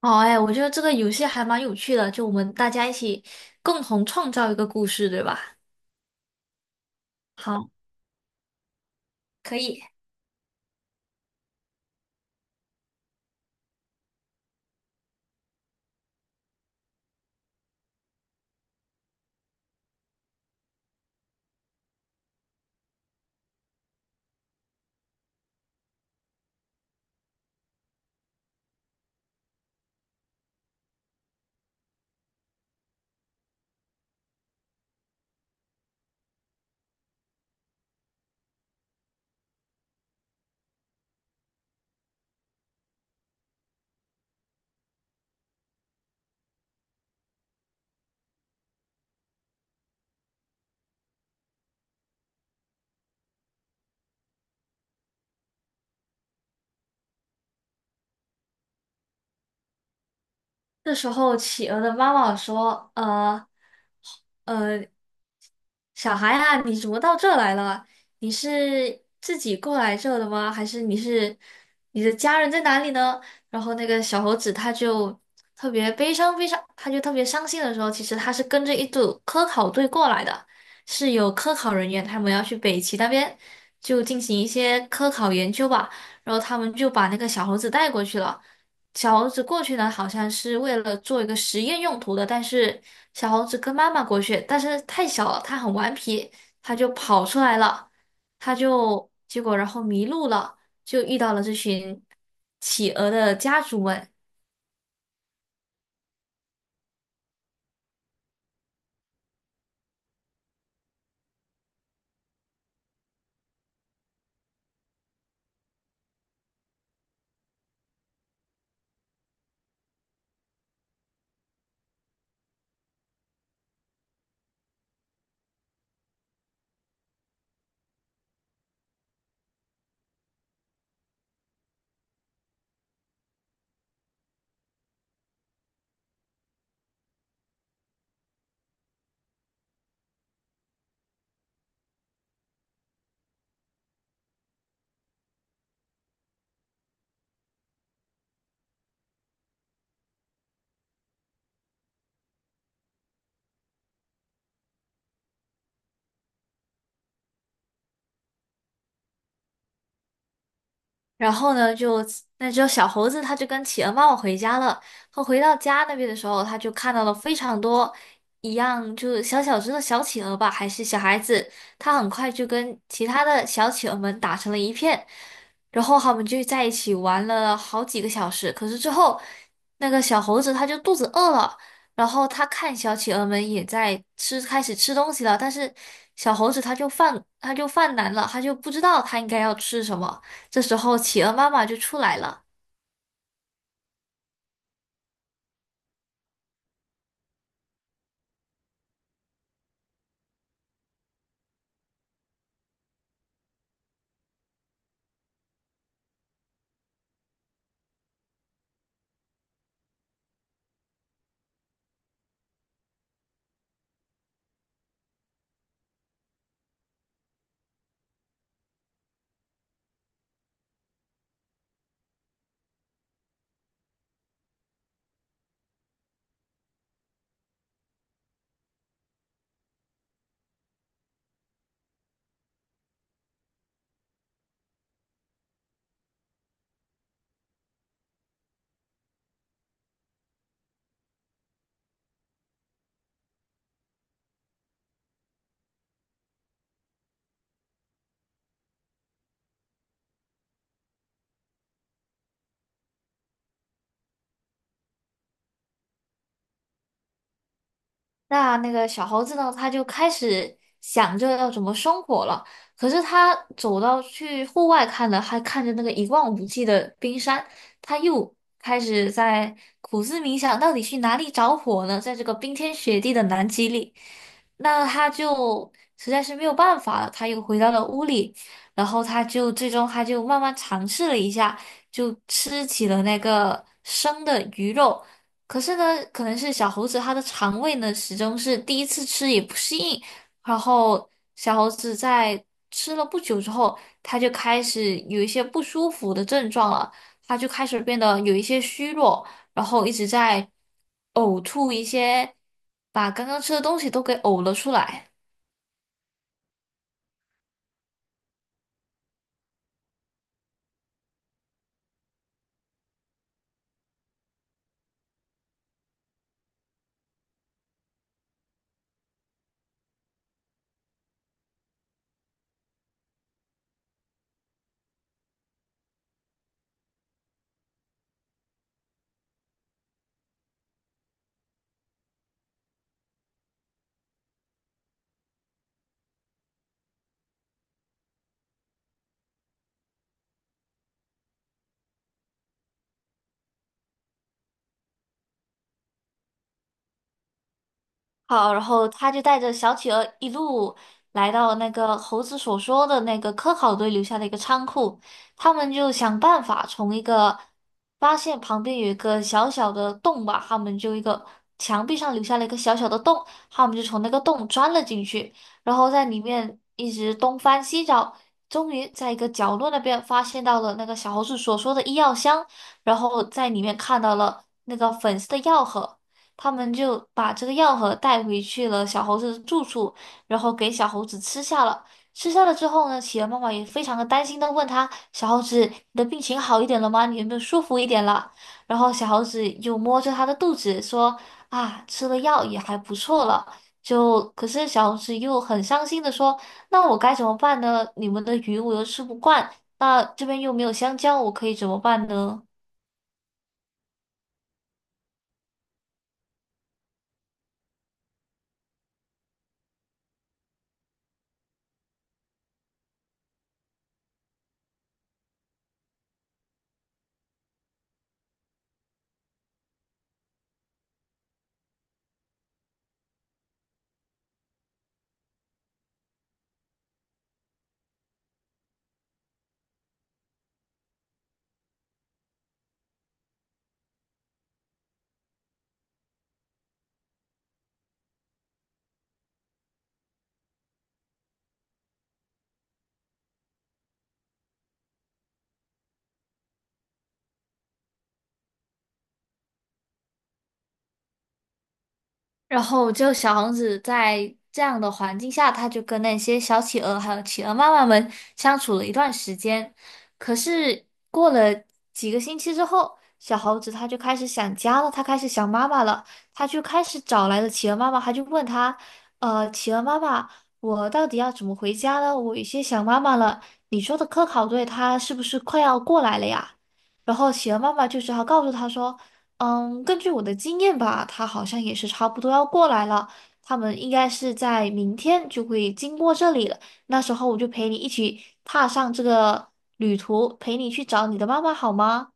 好哎，我觉得这个游戏还蛮有趣的，就我们大家一起共同创造一个故事，对吧？好，可以。这时候，企鹅的妈妈说：呃，小孩啊，你怎么到这来了？你是自己过来这的吗？还是你是你的家人在哪里呢？”然后那个小猴子他就特别悲伤，悲伤，他就特别伤心的时候，其实他是跟着一组科考队过来的，是有科考人员，他们要去北极那边就进行一些科考研究吧。然后他们就把那个小猴子带过去了。小猴子过去呢，好像是为了做一个实验用途的，但是小猴子跟妈妈过去，但是太小了，它很顽皮，它就跑出来了，它就结果然后迷路了，就遇到了这群企鹅的家族们，然后呢，就那只小猴子，它就跟企鹅妈妈回家了。它回到家那边的时候，它就看到了非常多一样，就是小小只的小企鹅吧，还是小孩子。它很快就跟其他的小企鹅们打成了一片，然后他们就在一起玩了好几个小时。可是之后，那个小猴子它就肚子饿了，然后它看小企鹅们也在吃，开始吃东西了，但是小猴子它就犯难了，它就不知道它应该要吃什么。这时候企鹅妈妈就出来了，那那个小猴子呢，它就开始想着要怎么生火了。可是它走到去户外看了，还看着那个一望无际的冰山，它又开始在苦思冥想，到底去哪里找火呢？在这个冰天雪地的南极里，那它就实在是没有办法了，它又回到了屋里，然后它就最终慢慢尝试了一下，就吃起了那个生的鱼肉。可是呢，可能是小猴子它的肠胃呢，始终是第一次吃也不适应，然后小猴子在吃了不久之后，它就开始有一些不舒服的症状了，它就开始变得有一些虚弱，然后一直在呕吐一些，把刚刚吃的东西都给呕了出来。好，然后他就带着小企鹅一路来到那个猴子所说的那个科考队留下的一个仓库，他们就想办法从一个发现旁边有一个小小的洞吧，他们就一个墙壁上留下了一个小小的洞，他们就从那个洞钻了进去，然后在里面一直东翻西找，终于在一个角落那边发现到了那个小猴子所说的医药箱，然后在里面看到了那个粉色的药盒。他们就把这个药盒带回去了小猴子的住处，然后给小猴子吃下了。吃下了之后呢，企鹅妈妈也非常的担心的问他：“小猴子，你的病情好一点了吗？你有没有舒服一点了？”然后小猴子又摸着他的肚子说：“啊，吃了药也还不错了。”就可是小猴子又很伤心的说：“那我该怎么办呢？你们的鱼我又吃不惯，那这边又没有香蕉，我可以怎么办呢？”然后就小王子在这样的环境下，他就跟那些小企鹅还有企鹅妈妈们相处了一段时间。可是过了几个星期之后，小猴子他就开始想家了，他开始想妈妈了，他就开始找来了企鹅妈妈，他就问他，企鹅妈妈，我到底要怎么回家呢？我有些想妈妈了。你说的科考队，他是不是快要过来了呀？然后企鹅妈妈就只好告诉他说。嗯，根据我的经验吧，他好像也是差不多要过来了。他们应该是在明天就会经过这里了。那时候我就陪你一起踏上这个旅途，陪你去找你的妈妈，好吗？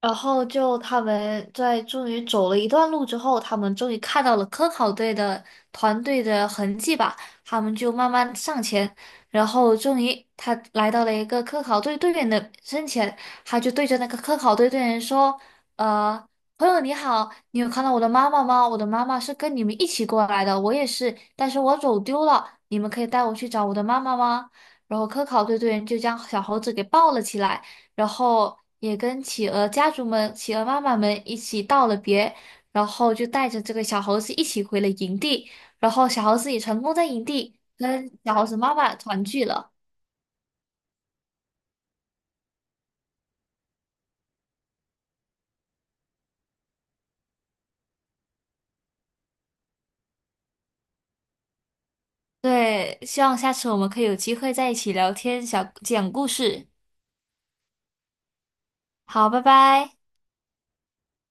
然后就他们在终于走了一段路之后，他们终于看到了科考队的团队的痕迹吧，他们就慢慢上前，然后终于他来到了一个科考队队员的身前，他就对着那个科考队队员说：“呃，朋友你好，你有看到我的妈妈吗？我的妈妈是跟你们一起过来的，我也是，但是我走丢了，你们可以带我去找我的妈妈吗？”然后科考队队员就将小猴子给抱了起来。然后也跟企鹅家族们、企鹅妈妈们一起道了别，然后就带着这个小猴子一起回了营地，然后小猴子也成功在营地跟小猴子妈妈团聚了。对，希望下次我们可以有机会在一起聊天，小讲故事。好，拜拜。